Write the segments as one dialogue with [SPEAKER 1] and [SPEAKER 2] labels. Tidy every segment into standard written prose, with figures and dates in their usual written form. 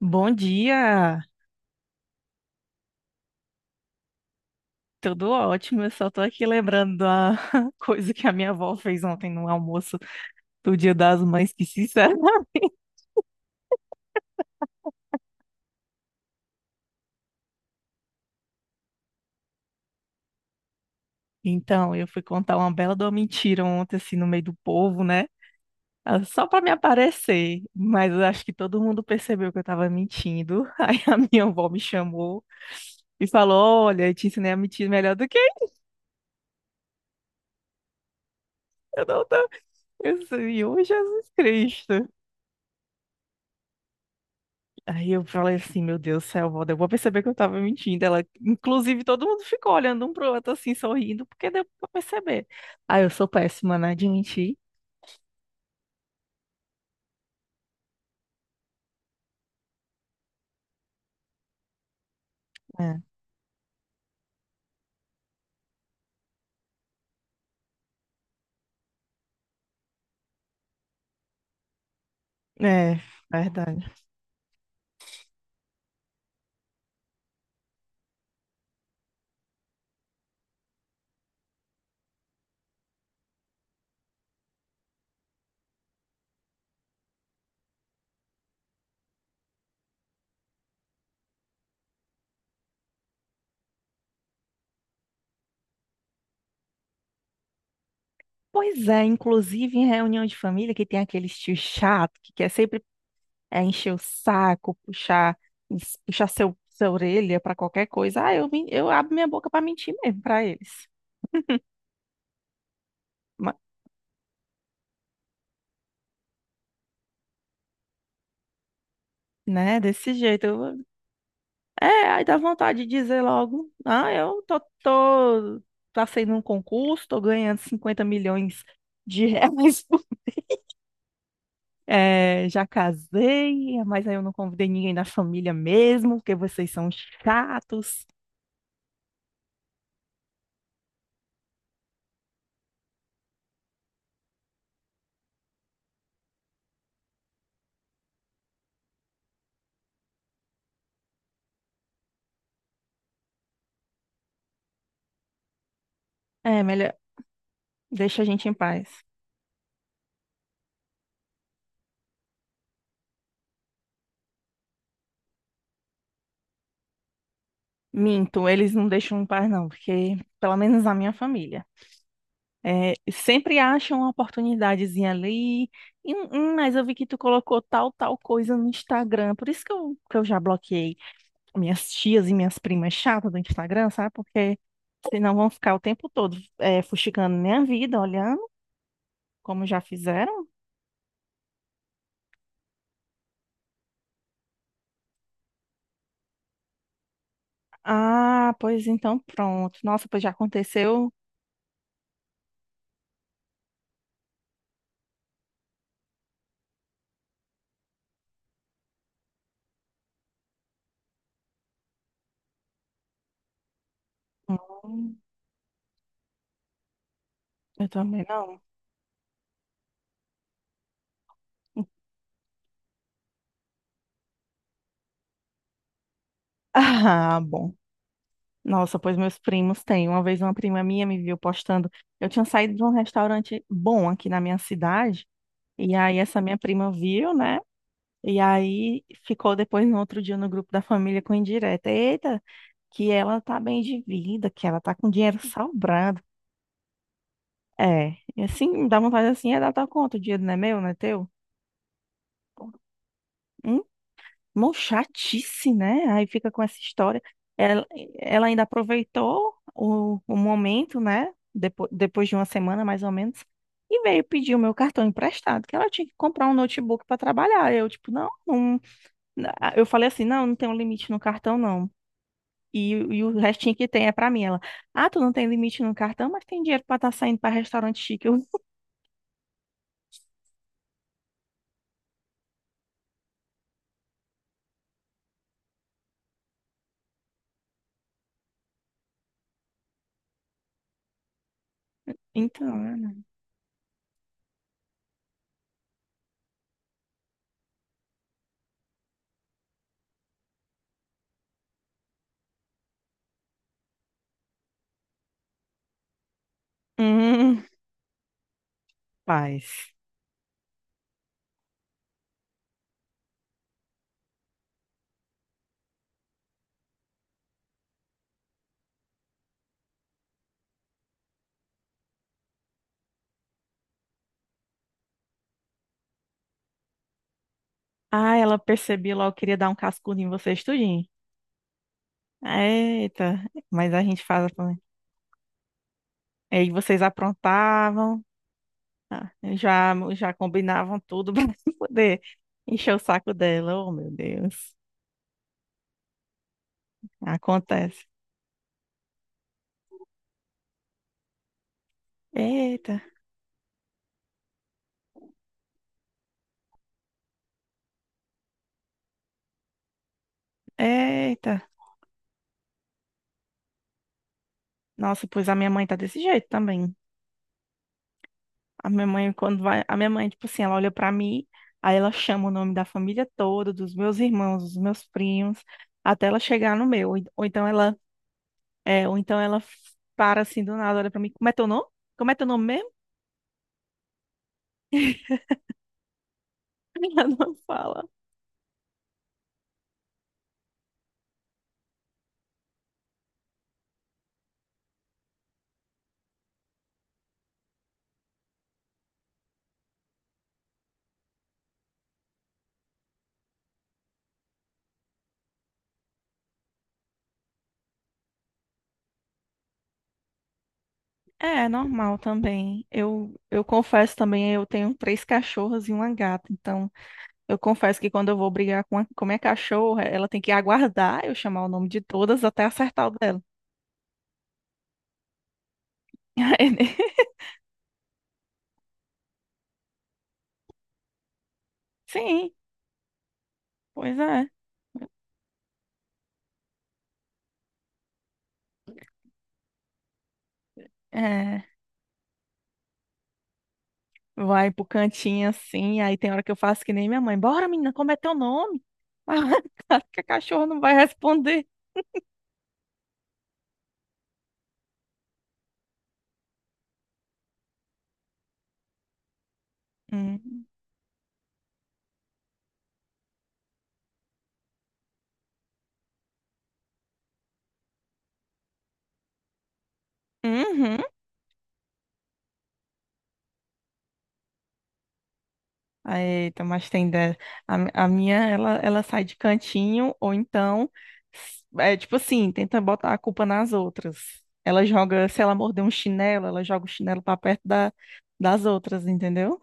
[SPEAKER 1] Bom dia, tudo ótimo. Eu só tô aqui lembrando da coisa que a minha avó fez ontem no almoço do Dia das Mães, que sincero. Então, eu fui contar uma bela de uma mentira ontem, assim, no meio do povo, né? Ah, só pra me aparecer, mas eu acho que todo mundo percebeu que eu tava mentindo. Aí a minha avó me chamou e falou: Olha, eu te ensinei a mentir melhor do que eu não tô. Eu disse, "Ô, Jesus Cristo." Aí eu falei assim, meu Deus do céu, Valda, eu vou perceber que eu tava mentindo. Ela, inclusive, todo mundo ficou olhando um pro outro assim, sorrindo, porque deu pra perceber. Ah, eu sou péssima, né, de mentir. É, é, verdade. Pois é, inclusive em reunião de família que tem aquele tio chato que quer sempre é, encher o saco, puxar sua orelha pra qualquer coisa. Ah, eu abro minha boca pra mentir mesmo pra eles. Ma- né, desse jeito. É, aí dá vontade de dizer logo, ah, eu tô passei num concurso, tô ganhando 50 milhões de reais, é, já casei, mas aí eu não convidei ninguém da família mesmo, porque vocês são chatos. É, melhor, deixa a gente em paz. Minto, eles não deixam em paz não, porque pelo menos a minha família. É, sempre acham uma oportunidadezinha ali, e, mas eu vi que tu colocou tal, tal coisa no Instagram, por isso que eu já bloqueei minhas tias e minhas primas chatas do Instagram, sabe? Porque senão vão ficar o tempo todo é, fuxicando minha vida, olhando, como já fizeram. Ah, pois então pronto. Nossa, pois já aconteceu. Eu também não. Ah, bom. Nossa, pois meus primos têm. Uma vez uma prima minha me viu postando. Eu tinha saído de um restaurante bom aqui na minha cidade. E aí essa minha prima viu, né? E aí ficou depois no outro dia no grupo da família com indireta. Eita, que ela tá bem de vida, que ela tá com dinheiro sobrando. É, e assim, dá vontade assim, é dar tua conta, o dinheiro não é meu, não é teu? Hum, Mó chatice, né? Aí fica com essa história. Ela, ela ainda aproveitou o momento, né? Depois de uma semana, mais ou menos, e veio pedir o meu cartão emprestado, que ela tinha que comprar um notebook para trabalhar. Eu, tipo, não, não. Eu falei assim, não, não tem um limite no cartão, não. E o restinho que tem é pra mim. Ela, ah, tu não tem limite no cartão, mas tem dinheiro pra estar saindo pra restaurante chique. Eu, então, Ana. Hum, paz. Ah, ela percebia logo, queria dar um cascudo em vocês tudinho. Eita, mas a gente faz também. Aí vocês aprontavam, ah, já, já combinavam tudo pra poder encher o saco dela. Oh, meu Deus. Acontece. Eita, eita. Nossa, pois a minha mãe tá desse jeito também. A minha mãe, quando vai, a minha mãe, tipo assim, ela olha pra mim, aí ela chama o nome da família toda, dos meus irmãos, dos meus primos, até ela chegar no meu. Ou ou então ela para assim do nada, olha pra mim, como é teu nome? Como é teu nome mesmo? Ela não fala. É, é normal também. Eu confesso também, eu tenho três cachorras e uma gata. Então, eu confesso que quando eu vou brigar com a minha cachorra, ela tem que aguardar eu chamar o nome de todas até acertar o dela. Sim, pois é. É, vai pro cantinho assim, aí tem hora que eu faço que nem minha mãe. Bora, menina, como é teu nome? Claro que a cachorra não vai responder. Hum. Uhum. Ah, eita, mas tem dessa. A minha, ela sai de cantinho, ou então, é tipo assim, tenta botar a culpa nas outras. Ela joga, se ela morder um chinelo, ela joga o chinelo pra perto das outras, entendeu?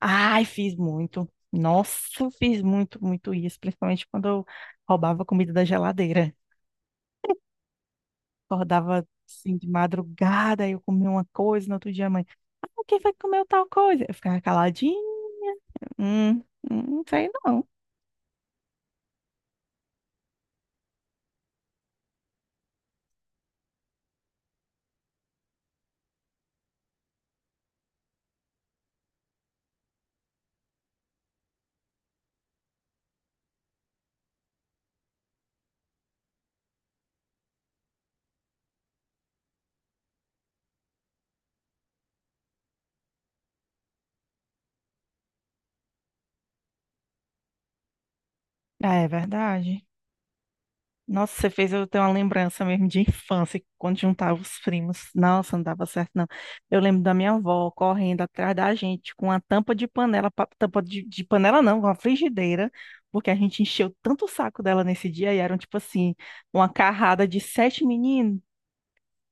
[SPEAKER 1] Ai, fiz muito. Nossa, fiz muito, muito isso, principalmente quando eu roubava comida da geladeira. Acordava assim de madrugada, aí eu comia uma coisa, no outro dia a mãe, ah, quem foi que comeu tal coisa? Eu ficava caladinho, hum, não sei não. Ah, é verdade. Nossa, você fez eu ter uma lembrança mesmo de infância, quando juntava os primos. Nossa, não dava certo, não. Eu lembro da minha avó correndo atrás da gente com uma tampa de panela, tampa de panela não, com uma frigideira, porque a gente encheu tanto o saco dela nesse dia e eram, tipo assim, uma carrada de sete meninos.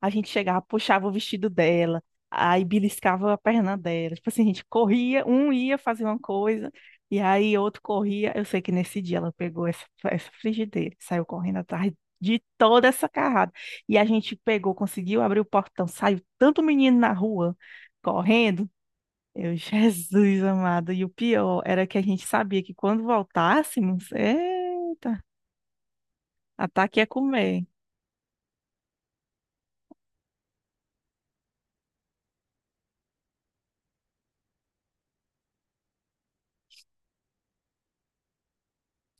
[SPEAKER 1] A gente chegava, puxava o vestido dela, aí beliscava a perna dela. Tipo assim, a gente corria, um ia fazer uma coisa, e aí outro corria. Eu sei que nesse dia ela pegou essa frigideira, saiu correndo atrás de toda essa carrada. E a gente pegou, conseguiu abrir o portão, saiu tanto menino na rua correndo. Eu, Jesus amado. E o pior era que a gente sabia que quando voltássemos, eita, ataque ia comer.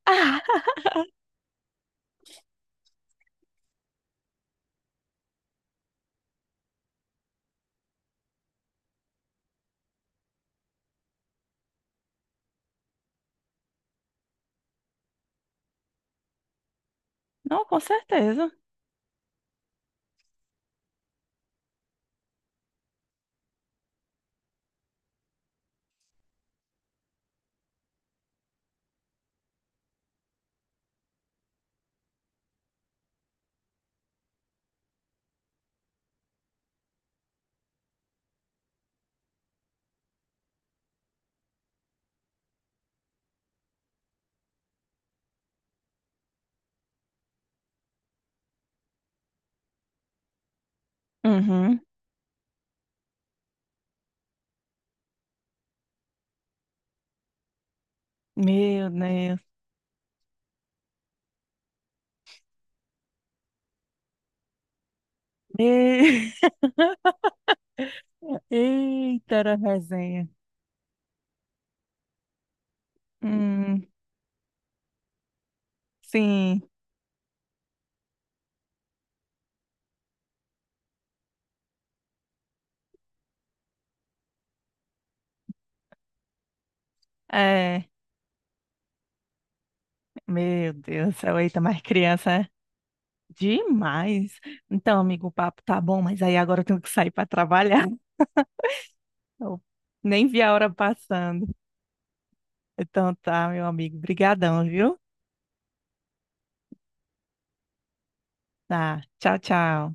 [SPEAKER 1] Ah, não, com certeza. Uhum. Meu Deus. E- Eita, era resenha. Hum, sim, é. Meu Deus do céu, eita, mais criança, é demais. Então, amigo, o papo tá bom, mas aí agora eu tenho que sair para trabalhar. Eu nem vi a hora passando. Então tá, meu amigo, brigadão, viu? Tá, tchau, tchau.